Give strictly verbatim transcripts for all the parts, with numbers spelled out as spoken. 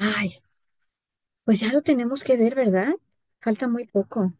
Ay, pues ya lo tenemos que ver, ¿verdad? Falta muy poco.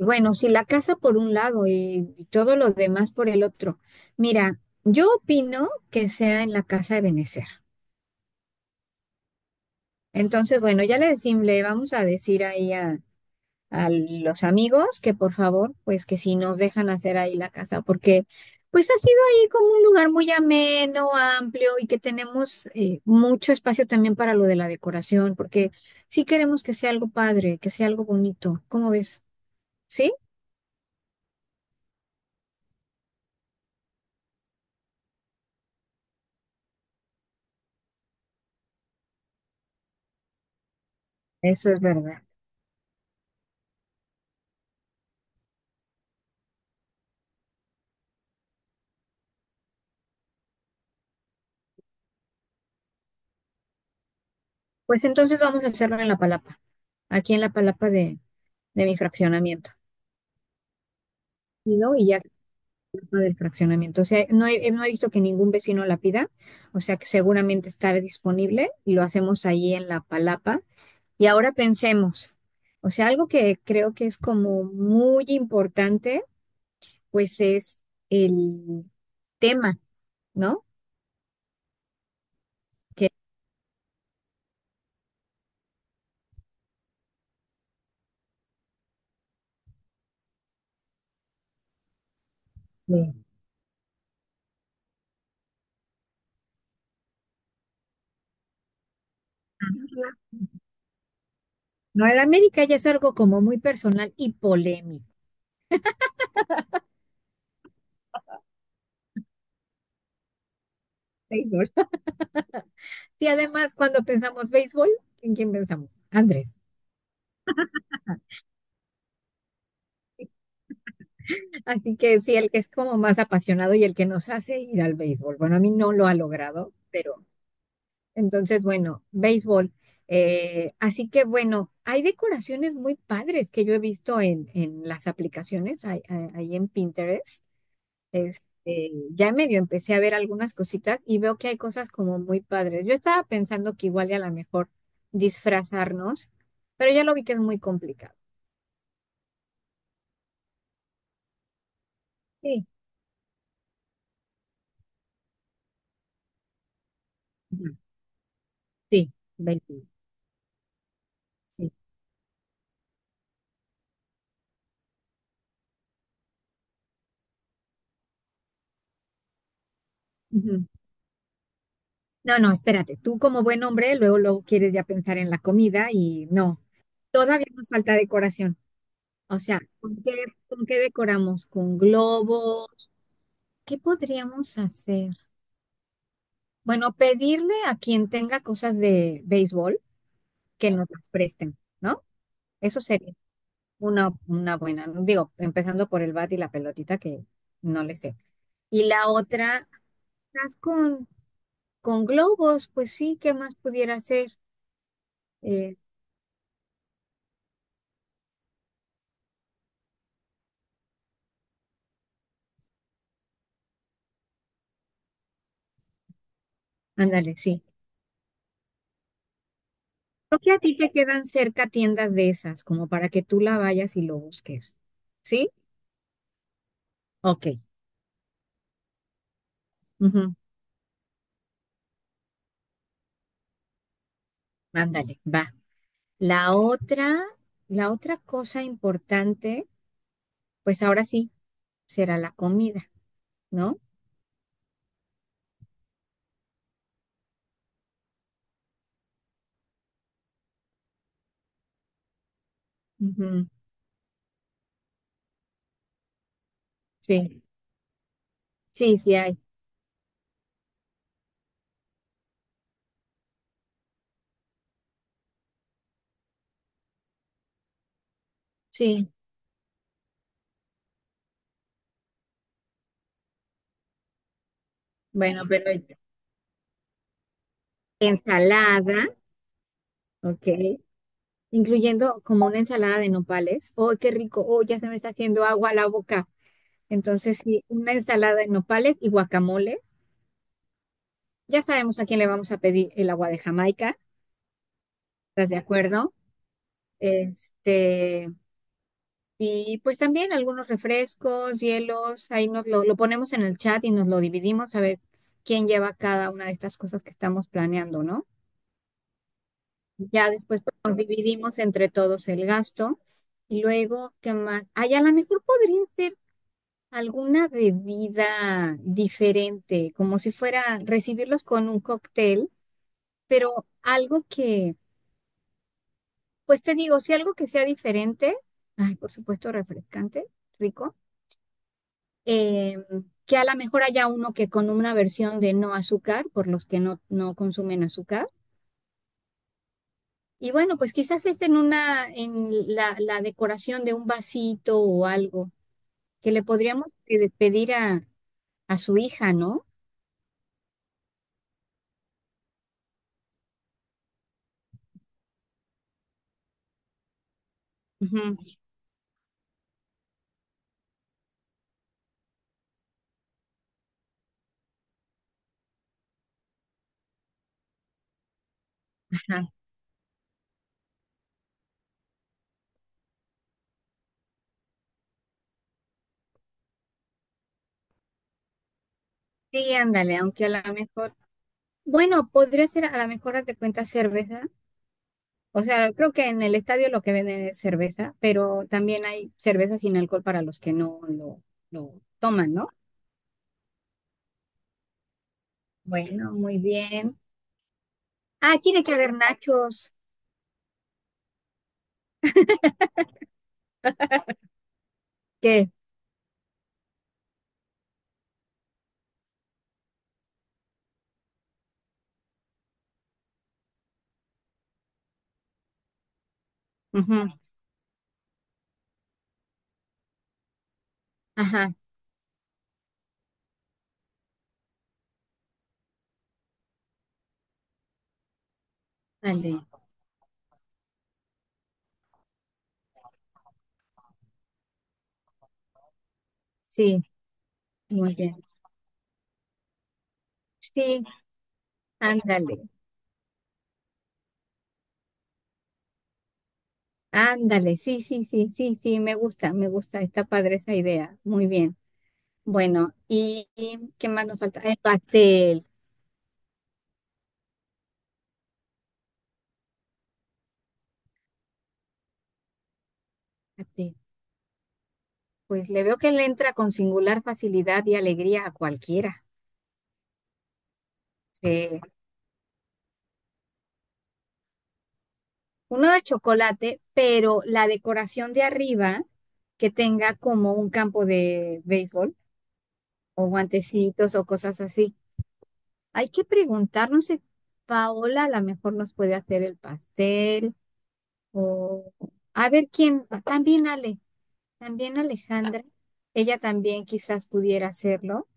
Bueno, si la casa por un lado y y todo lo demás por el otro. Mira, yo opino que sea en la casa de Benecer. Entonces, bueno, ya le decimos, le vamos a decir ahí a a los amigos que por favor, pues que si nos dejan hacer ahí la casa, porque pues ha sido ahí como un lugar muy ameno, amplio y que tenemos eh, mucho espacio también para lo de la decoración, porque sí queremos que sea algo padre, que sea algo bonito. ¿Cómo ves? ¿Sí? Eso es verdad. Pues entonces vamos a hacerlo en La Palapa, aquí en La Palapa de, de mi fraccionamiento. Ido, y ya tema del fraccionamiento. O sea, no he, no he visto que ningún vecino la pida, o sea que seguramente estará disponible y lo hacemos ahí en la palapa. Y ahora pensemos, o sea, algo que creo que es como muy importante, pues es el tema, ¿no? Que eh, no, el América ya es algo como muy personal y polémico. Béisbol. Y además, cuando pensamos béisbol, ¿en quién pensamos? Andrés. Así que sí, el que es como más apasionado y el que nos hace ir al béisbol. Bueno, a mí no lo ha logrado, pero entonces, bueno, béisbol. Eh, así que bueno, hay decoraciones muy padres que yo he visto en, en las aplicaciones, ahí ahí- ahí en Pinterest. Este, ya medio empecé a ver algunas cositas y veo que hay cosas como muy padres. Yo estaba pensando que igual y a lo mejor disfrazarnos, pero ya lo vi que es muy complicado. Sí, ujú, sí, béisbol, sí. No, no, espérate, tú como buen hombre, luego, luego quieres ya pensar en la comida y no, todavía nos falta decoración. O sea, ¿con qué, ¿con qué decoramos? ¿Con globos? ¿Qué podríamos hacer? Bueno, pedirle a quien tenga cosas de béisbol que nos las presten, ¿no? Eso sería una, una buena, ¿no? Digo, empezando por el bat y la pelotita que no le sé. Y la otra, estás con, con globos, pues sí, ¿qué más pudiera hacer? Eh, Ándale, sí. Creo que a ti te quedan cerca tiendas de esas, como para que tú la vayas y lo busques. ¿Sí? Ok, ujú, ándale, va. La otra, la otra cosa importante, pues ahora sí, será la comida, ¿no? Ujú, sí, sí, sí hay. Sí. Bueno, pero ensalada, ok. Incluyendo como una ensalada de nopales. ¡Oh, qué rico! ¡Oh, ya se me está haciendo agua a la boca! Entonces, sí, una ensalada de nopales y guacamole. Ya sabemos a quién le vamos a pedir el agua de Jamaica, ¿estás de acuerdo? Este, y pues también algunos refrescos, hielos, ahí nos lo, lo ponemos en el chat y nos lo dividimos a ver quién lleva cada una de estas cosas que estamos planeando, ¿no? Ya después pues, nos dividimos entre todos el gasto. Y luego, ¿qué más? Ah, y a lo mejor podría ser alguna bebida diferente, como si fuera recibirlos con un cóctel, pero algo que, pues te digo, si algo que sea diferente, ay, por supuesto, refrescante, rico, eh, que a lo mejor haya uno que con una versión de no azúcar, por los que no, no consumen azúcar. Y bueno, pues quizás es en una, en la, la decoración de un vasito o algo, que le podríamos pe- pedir a, a su hija, ¿no? Ujú, ajá. Sí, ándale, aunque a lo mejor, bueno, podría ser a lo mejor, haz de cuenta, cerveza. O sea, creo que en el estadio lo que venden es cerveza, pero también hay cerveza sin alcohol para los que no lo, lo toman, ¿no? Bueno, muy bien. Ah, tiene que haber nachos. ¿Qué? Ujú, ajá, ándale. Sí, muy bien. Sí, ándale. Ándale. Sí, sí, sí, sí, sí, me gusta, me gusta. Está padre esa idea. Muy bien. Bueno, ¿y y qué más nos falta? El pastel. Pastel. Pues le veo que le entra con singular facilidad y alegría a cualquiera. Sí. Uno de chocolate, pero la decoración de arriba que tenga como un campo de béisbol o guantecitos o cosas así. Hay que preguntar, no sé, Paola a lo mejor nos puede hacer el pastel o a ver quién, también Ale, también Alejandra, ella también quizás pudiera hacerlo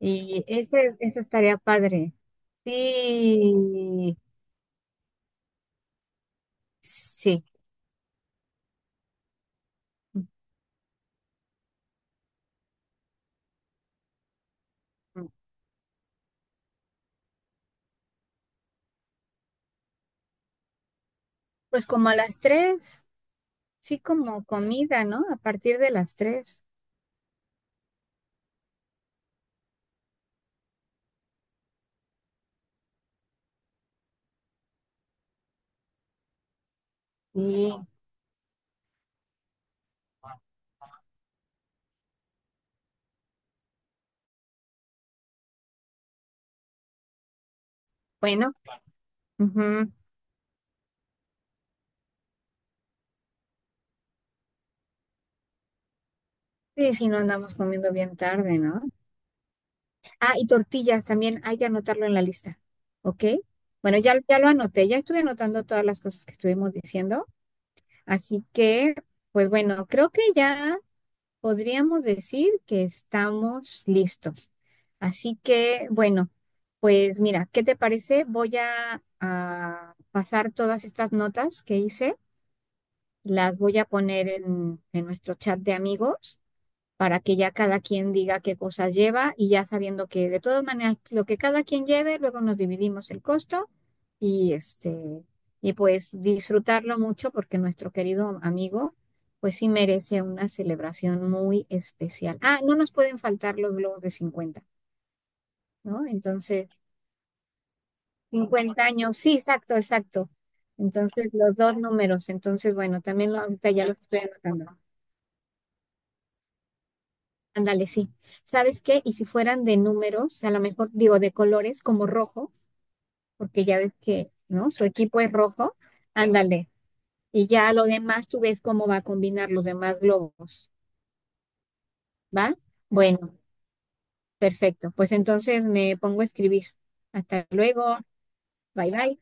y ese, eso estaría padre. Sí, sí. Ujú. Pues como a las tres. Sí, como comida, ¿no? A partir de las tres. Y bueno, ujú. Sí, si no andamos comiendo bien tarde, ¿no? Ah, y tortillas también hay que anotarlo en la lista, ¿ok? Bueno, ya, ya lo anoté, ya estuve anotando todas las cosas que estuvimos diciendo, así que, pues bueno, creo que ya podríamos decir que estamos listos. Así que, bueno, pues mira, ¿qué te parece? Voy a, a pasar todas estas notas que hice. Las voy a poner en, en nuestro chat de amigos para que ya cada quien diga qué cosas lleva y ya sabiendo que de todas maneras lo que cada quien lleve, luego nos dividimos el costo y este y pues disfrutarlo mucho porque nuestro querido amigo pues sí merece una celebración muy especial. Ah, no nos pueden faltar los globos de cincuenta, ¿no? Entonces, cincuenta años, sí, exacto, exacto. Entonces, los dos números. Entonces, bueno, también lo- ahorita ya los estoy anotando. Ándale, sí. ¿Sabes qué? Y si fueran de números, a lo mejor digo de colores como rojo, porque ya ves que, ¿no? Su equipo es rojo. Ándale. Y ya lo demás tú ves cómo va a combinar los demás globos. ¿Va? Bueno, perfecto. Pues entonces me pongo a escribir. Hasta luego. Bye bye.